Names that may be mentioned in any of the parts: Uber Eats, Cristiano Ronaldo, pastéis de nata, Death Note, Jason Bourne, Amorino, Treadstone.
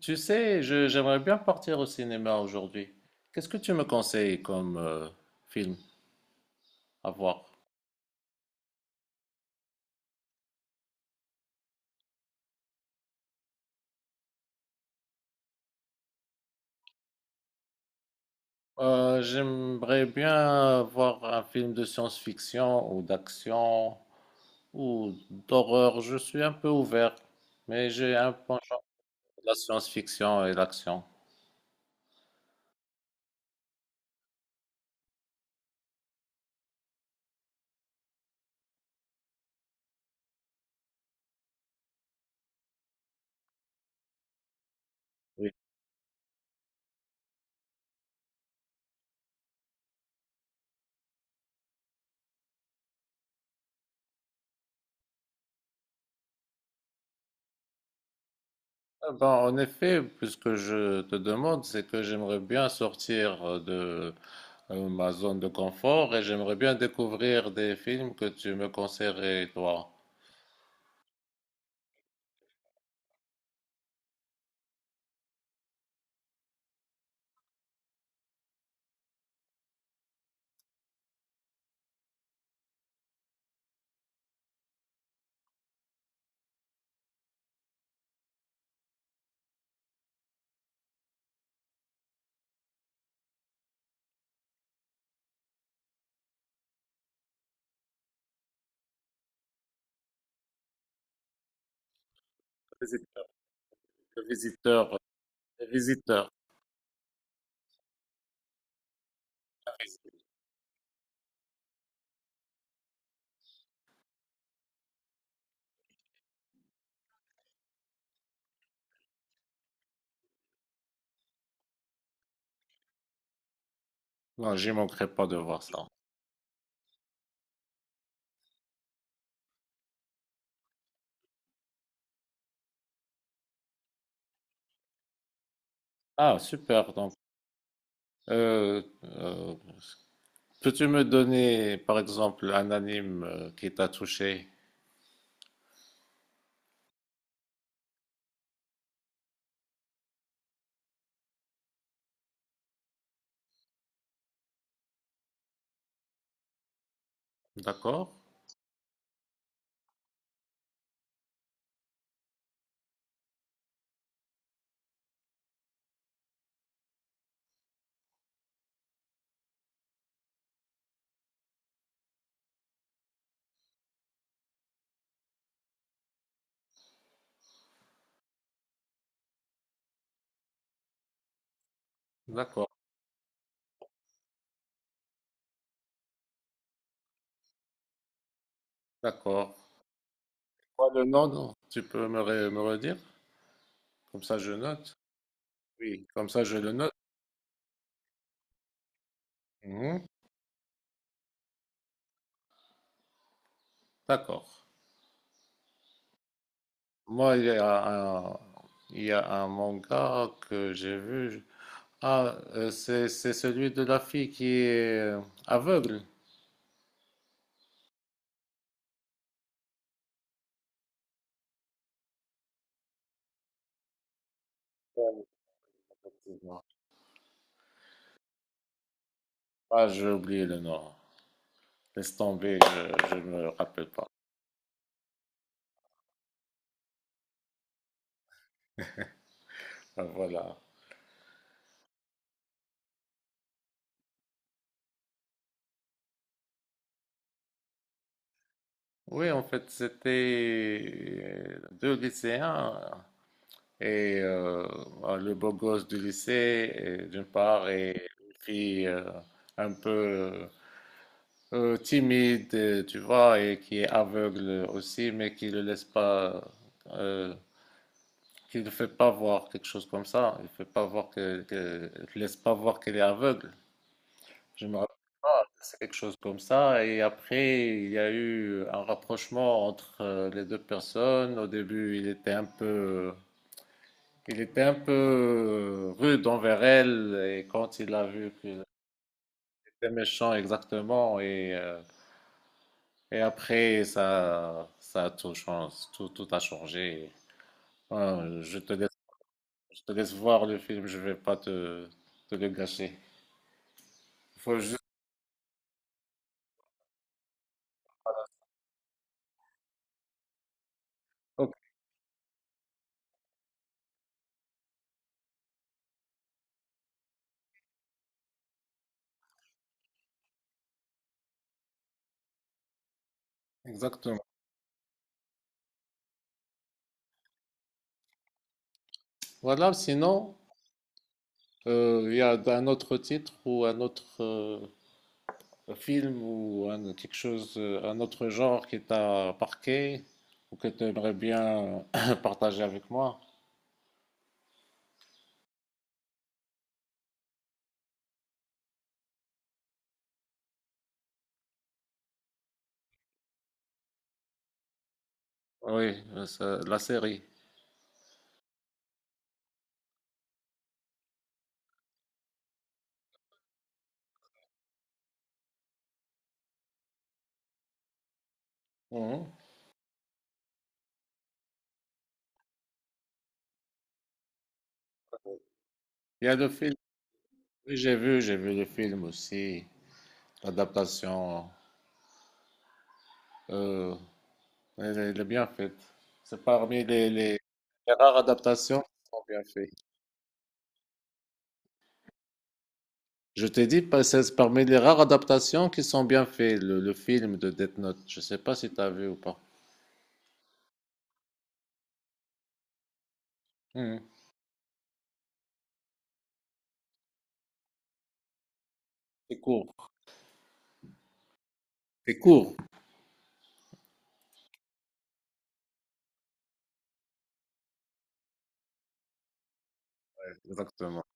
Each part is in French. Tu sais, j'aimerais bien partir au cinéma aujourd'hui. Qu'est-ce que tu me conseilles comme film à voir? J'aimerais bien voir un film de science-fiction ou d'action ou d'horreur. Je suis un peu ouvert, mais j'ai un penchant de la science-fiction et l'action. Oui. Ah ben, en effet, puisque je te demande, c'est que j'aimerais bien sortir de ma zone de confort et j'aimerais bien découvrir des films que tu me conseillerais, toi. Visiteur, le visiteur, le visiteur. Non, j'y manquerai pas de voir ça. Ah, super. Donc, euh, euh, peux-tu me donner, par exemple, un anime qui t'a touché? D'accord? D'accord, d'accord. Quoi, le nom, non? Tu peux me, me redire? Comme ça, je note. Oui, comme ça, je le note. Mhm. D'accord. Moi, il y a un manga que j'ai vu. Ah, c'est celui de la fille qui est aveugle. Non. Ah, j'ai oublié le nom. Laisse tomber, je ne me rappelle pas. Ben voilà. Oui, en fait, c'était deux lycéens et ah, le beau gosse du lycée, et d'une part, et une fille un peu timide, tu vois, et qui est aveugle aussi, mais qui ne le laisse pas, euh, qui ne fait pas voir quelque chose comme ça. Il fait pas voir il laisse pas voir qu'elle est aveugle. Je me rappelle pas, c'est quelque chose comme ça. Et après, il y a eu un rapprochement entre les deux personnes. Au début, il était un peu rude envers elle. Et quand il a vu qu'il était méchant exactement, et après, ça a tout changé, tout a changé. Ouais, je te laisse voir le film. Je vais pas te le gâcher. Faut juste... Ok, exactement. Voilà, sinon. Il y a un autre titre ou un autre film ou quelque chose, un autre genre qui t'a marqué ou que tu aimerais bien partager avec moi? Oui, ça- la série. Mhm. Il y a le film. Oui, j'ai vu le film aussi. L'adaptation, euh, elle est bien faite. C'est parmi les rares adaptations qui sont bien faites. Je t'ai dit, pa- c'est parmi les rares adaptations qui sont bien faites, le film de Death Note. Je sais pas si tu as vu ou pas. Mhm. C'est court. C'est court. Exactement.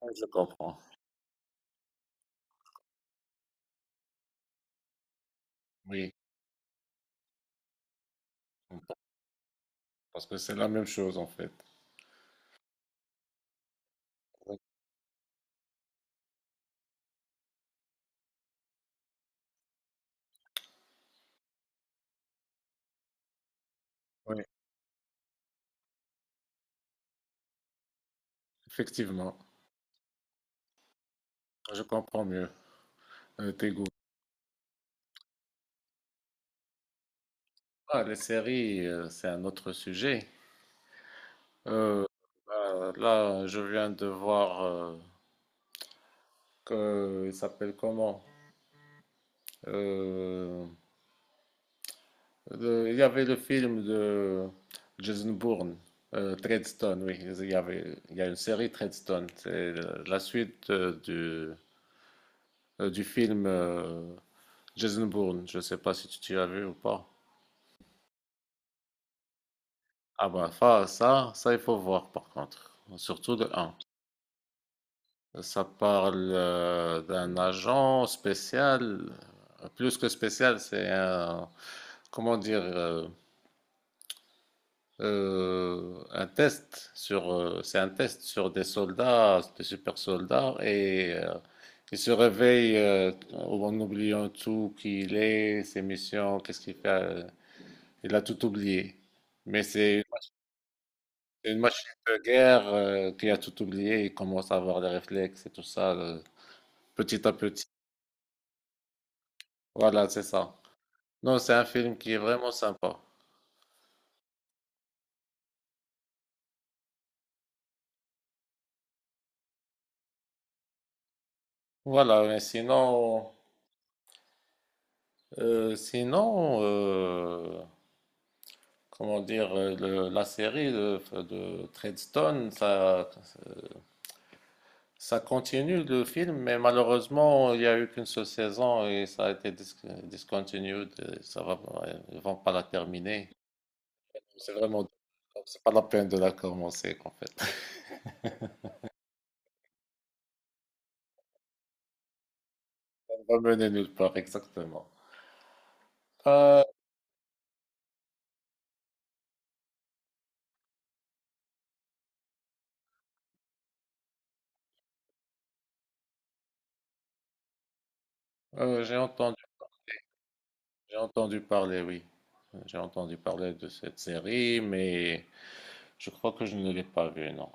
Ouais, je comprends. Oui, je comprends. Parce que c'est la même chose en fait. Oui, effectivement. Je comprends mieux tes goûts. Ah, les séries, c'est un autre sujet. Euh, bah, là, je viens de voir que il s'appelle comment? Euh, il y avait le film de Jason Bourne, Treadstone, oui. Il y a une série Treadstone. C'est la suite du film Jason Bourne. Je ne sais pas si tu as vu ou pas. Ah bah ça, il faut voir par contre. Surtout le 1. Ça parle d'un agent spécial. Euh, plus que spécial, c'est un, comment dire, un test sur, c'est un test sur des soldats, des super soldats, et il se réveille en oubliant tout qui il est, ses missions, qu'est-ce qu'il fait. Euh, il a tout oublié. Mais c'est une machine de guerre qui a tout oublié. Il commence à avoir des réflexes et tout ça, petit à petit. Voilà, c'est ça. Non, c'est un film qui est vraiment sympa. Voilà, mais sinon, sinon. Euh, comment dire, la série de Treadstone, ça continue le film, mais malheureusement, il n'y a eu qu'une seule saison et ça a été discontinued. Et ça va, ils vont pas la terminer. C'est vraiment, c'est pas la peine de la commencer, en fait. Ça va mener nulle part, exactement. Euh, euh, j'ai entendu, j'ai entendu parler, oui. J'ai entendu parler de cette série, mais je crois que je ne l'ai pas vue, non.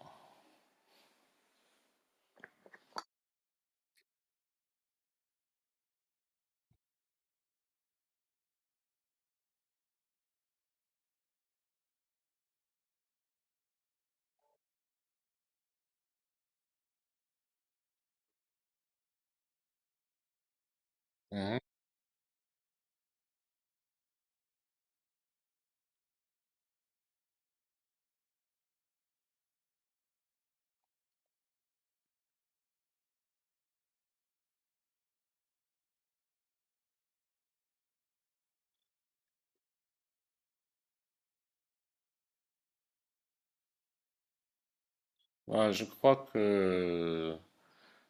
Mhm. Ouais, je crois que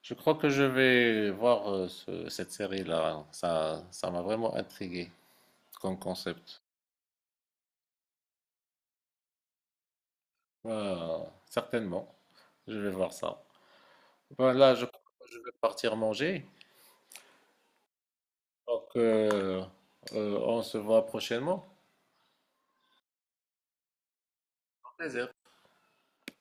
Je crois que je vais voir cette série-là. Ça m'a vraiment intrigué comme concept. Euh, certainement, je vais voir ça. Voilà, je crois que je vais partir manger. Donc, on se voit prochainement. Au plaisir.